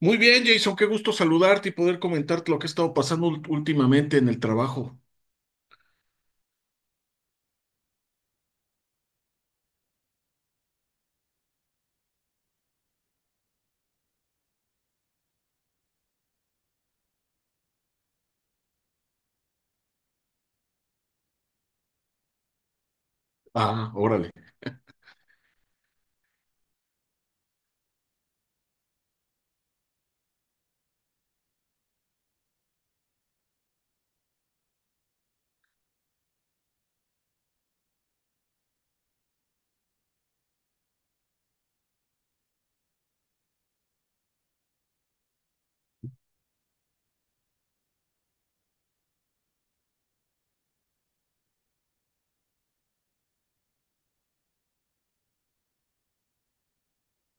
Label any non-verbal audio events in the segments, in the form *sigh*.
Muy bien, Jason, qué gusto saludarte y poder comentarte lo que ha estado pasando últimamente en el trabajo. Ah, órale.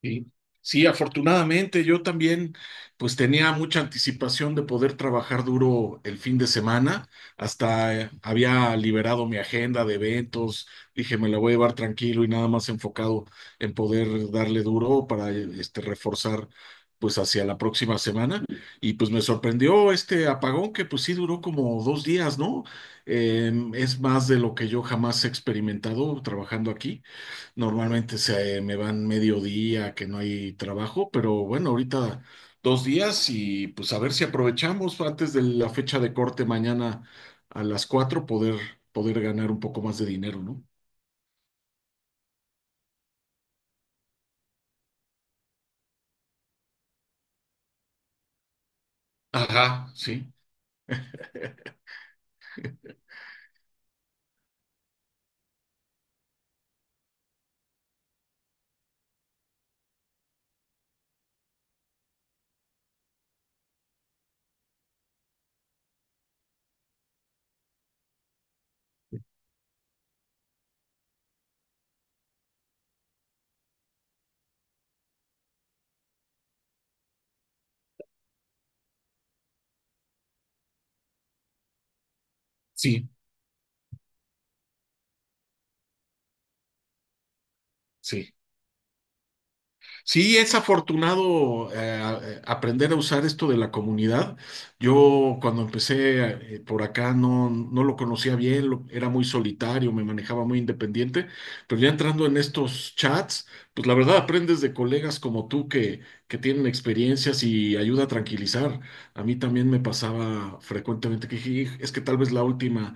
Sí, sí, afortunadamente yo también pues tenía mucha anticipación de poder trabajar duro el fin de semana, hasta había liberado mi agenda de eventos, dije me la voy a llevar tranquilo y nada más enfocado en poder darle duro para este reforzar pues hacia la próxima semana y pues me sorprendió este apagón que pues sí duró como 2 días, ¿no? Es más de lo que yo jamás he experimentado trabajando aquí. Normalmente se me van mediodía, que no hay trabajo, pero bueno, ahorita 2 días y pues a ver si aprovechamos antes de la fecha de corte mañana a las cuatro poder, poder ganar un poco más de dinero, ¿no? Ajá, sí, *laughs* sí, sí. Sí, es afortunado aprender a usar esto de la comunidad. Yo cuando empecé por acá no, no lo conocía bien, era muy solitario, me manejaba muy independiente, pero ya entrando en estos chats, pues la verdad aprendes de colegas como tú que tienen experiencias y ayuda a tranquilizar. A mí también me pasaba frecuentemente que dije, "Hij, es que tal vez la última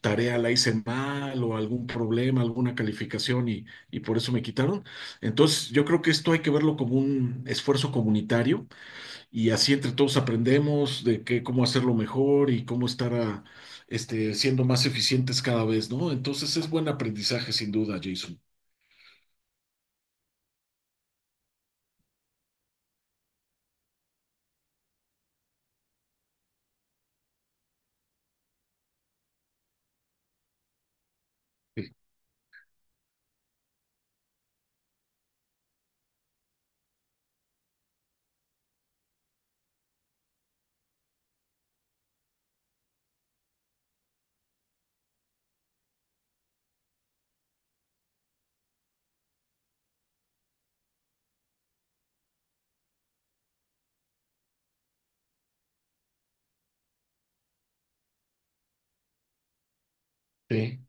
tarea la hice mal o algún problema, alguna calificación y por eso me quitaron. Entonces, yo creo que esto hay que verlo como un esfuerzo comunitario y así entre todos aprendemos de qué, cómo hacerlo mejor y cómo estar siendo más eficientes cada vez, ¿no? Entonces, es buen aprendizaje sin duda, Jason. Sí, sí,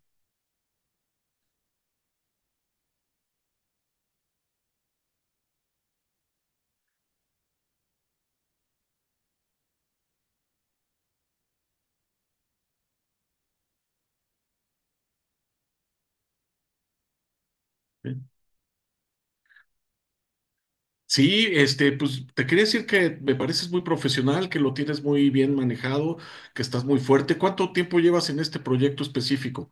sí. Sí, este, pues te quería decir que me pareces muy profesional, que lo tienes muy bien manejado, que estás muy fuerte. ¿Cuánto tiempo llevas en este proyecto específico?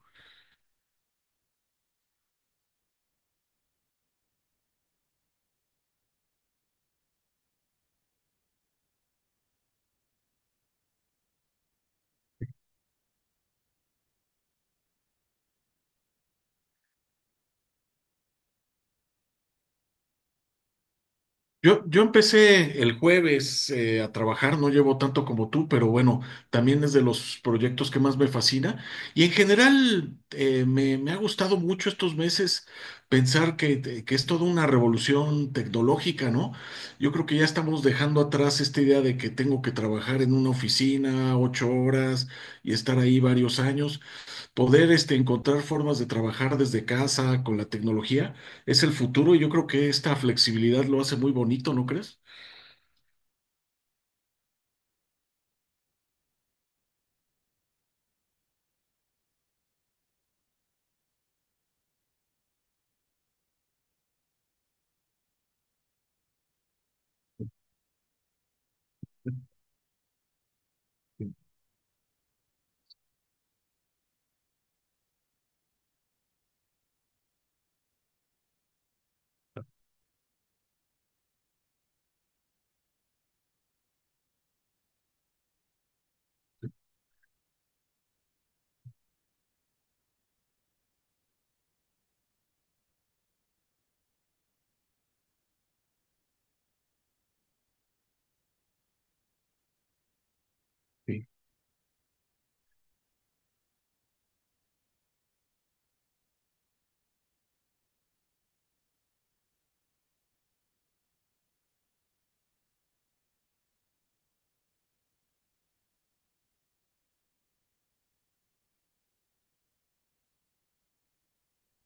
Yo empecé el jueves a trabajar, no llevo tanto como tú, pero bueno, también es de los proyectos que más me fascina. Y en general me ha gustado mucho estos meses pensar que es toda una revolución tecnológica, ¿no? Yo creo que ya estamos dejando atrás esta idea de que tengo que trabajar en una oficina 8 horas y estar ahí varios años. Poder este, encontrar formas de trabajar desde casa con la tecnología es el futuro y yo creo que esta flexibilidad lo hace muy bonito, ¿no crees? Sí, sí.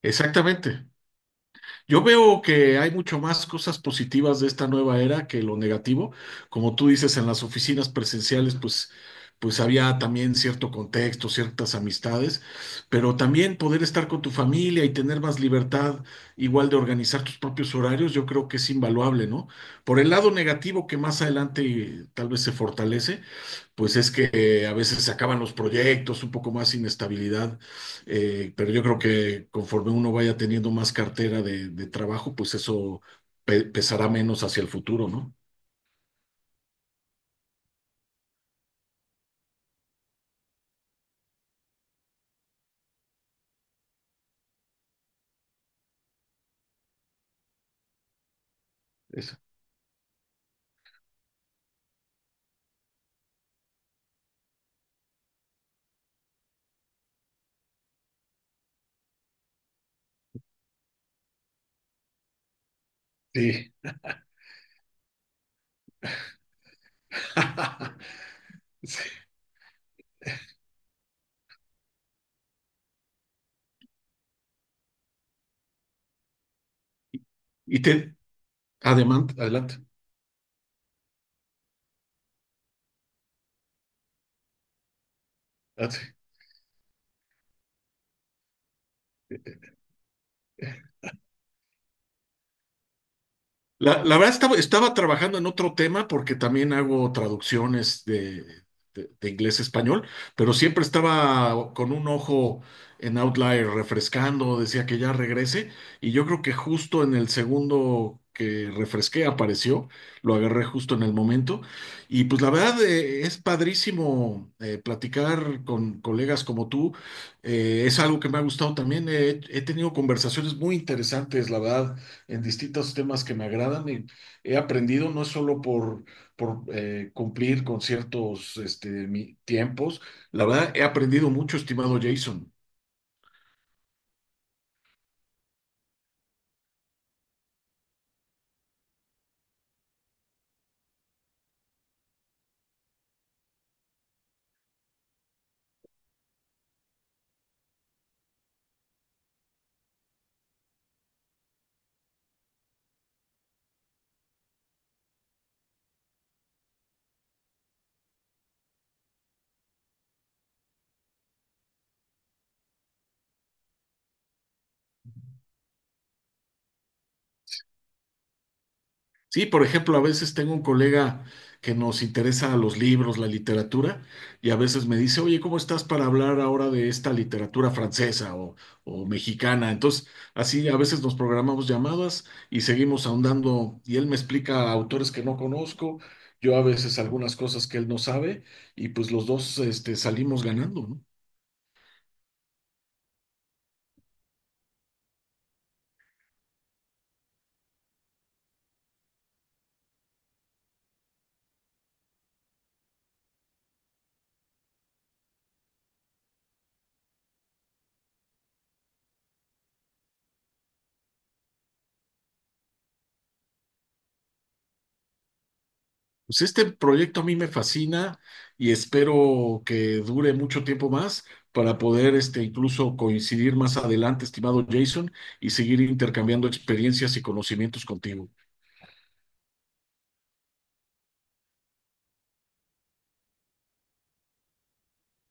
Exactamente. Yo veo que hay mucho más cosas positivas de esta nueva era que lo negativo. Como tú dices, en las oficinas presenciales, pues, pues había también cierto contexto, ciertas amistades, pero también poder estar con tu familia y tener más libertad, igual de organizar tus propios horarios, yo creo que es invaluable, ¿no? Por el lado negativo que más adelante tal vez se fortalece, pues es que a veces se acaban los proyectos, un poco más inestabilidad, pero yo creo que conforme uno vaya teniendo más cartera de trabajo, pues eso pesará menos hacia el futuro, ¿no? Eso. Sí. *laughs* Y te, adelante, adelante. Ah, sí. La verdad estaba trabajando en otro tema porque también hago traducciones de, de inglés a español, pero siempre estaba con un ojo en Outlier refrescando, decía que ya regrese y yo creo que justo en el segundo que refresqué apareció, lo agarré justo en el momento y pues la verdad es padrísimo platicar con colegas como tú, es algo que me ha gustado también, he tenido conversaciones muy interesantes, la verdad en distintos temas que me agradan y he aprendido no es solo por cumplir con ciertos este, tiempos, la verdad he aprendido mucho, estimado Jason. Sí, por ejemplo, a veces tengo un colega que nos interesa los libros, la literatura, y a veces me dice, oye, ¿cómo estás para hablar ahora de esta literatura francesa o mexicana? Entonces, así a veces nos programamos llamadas y seguimos ahondando, y él me explica autores que no conozco, yo a veces algunas cosas que él no sabe, y pues los dos, este, salimos ganando, ¿no? Pues este proyecto a mí me fascina y espero que dure mucho tiempo más para poder este, incluso coincidir más adelante, estimado Jason, y seguir intercambiando experiencias y conocimientos contigo.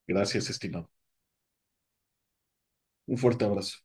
Gracias, estimado. Un fuerte abrazo.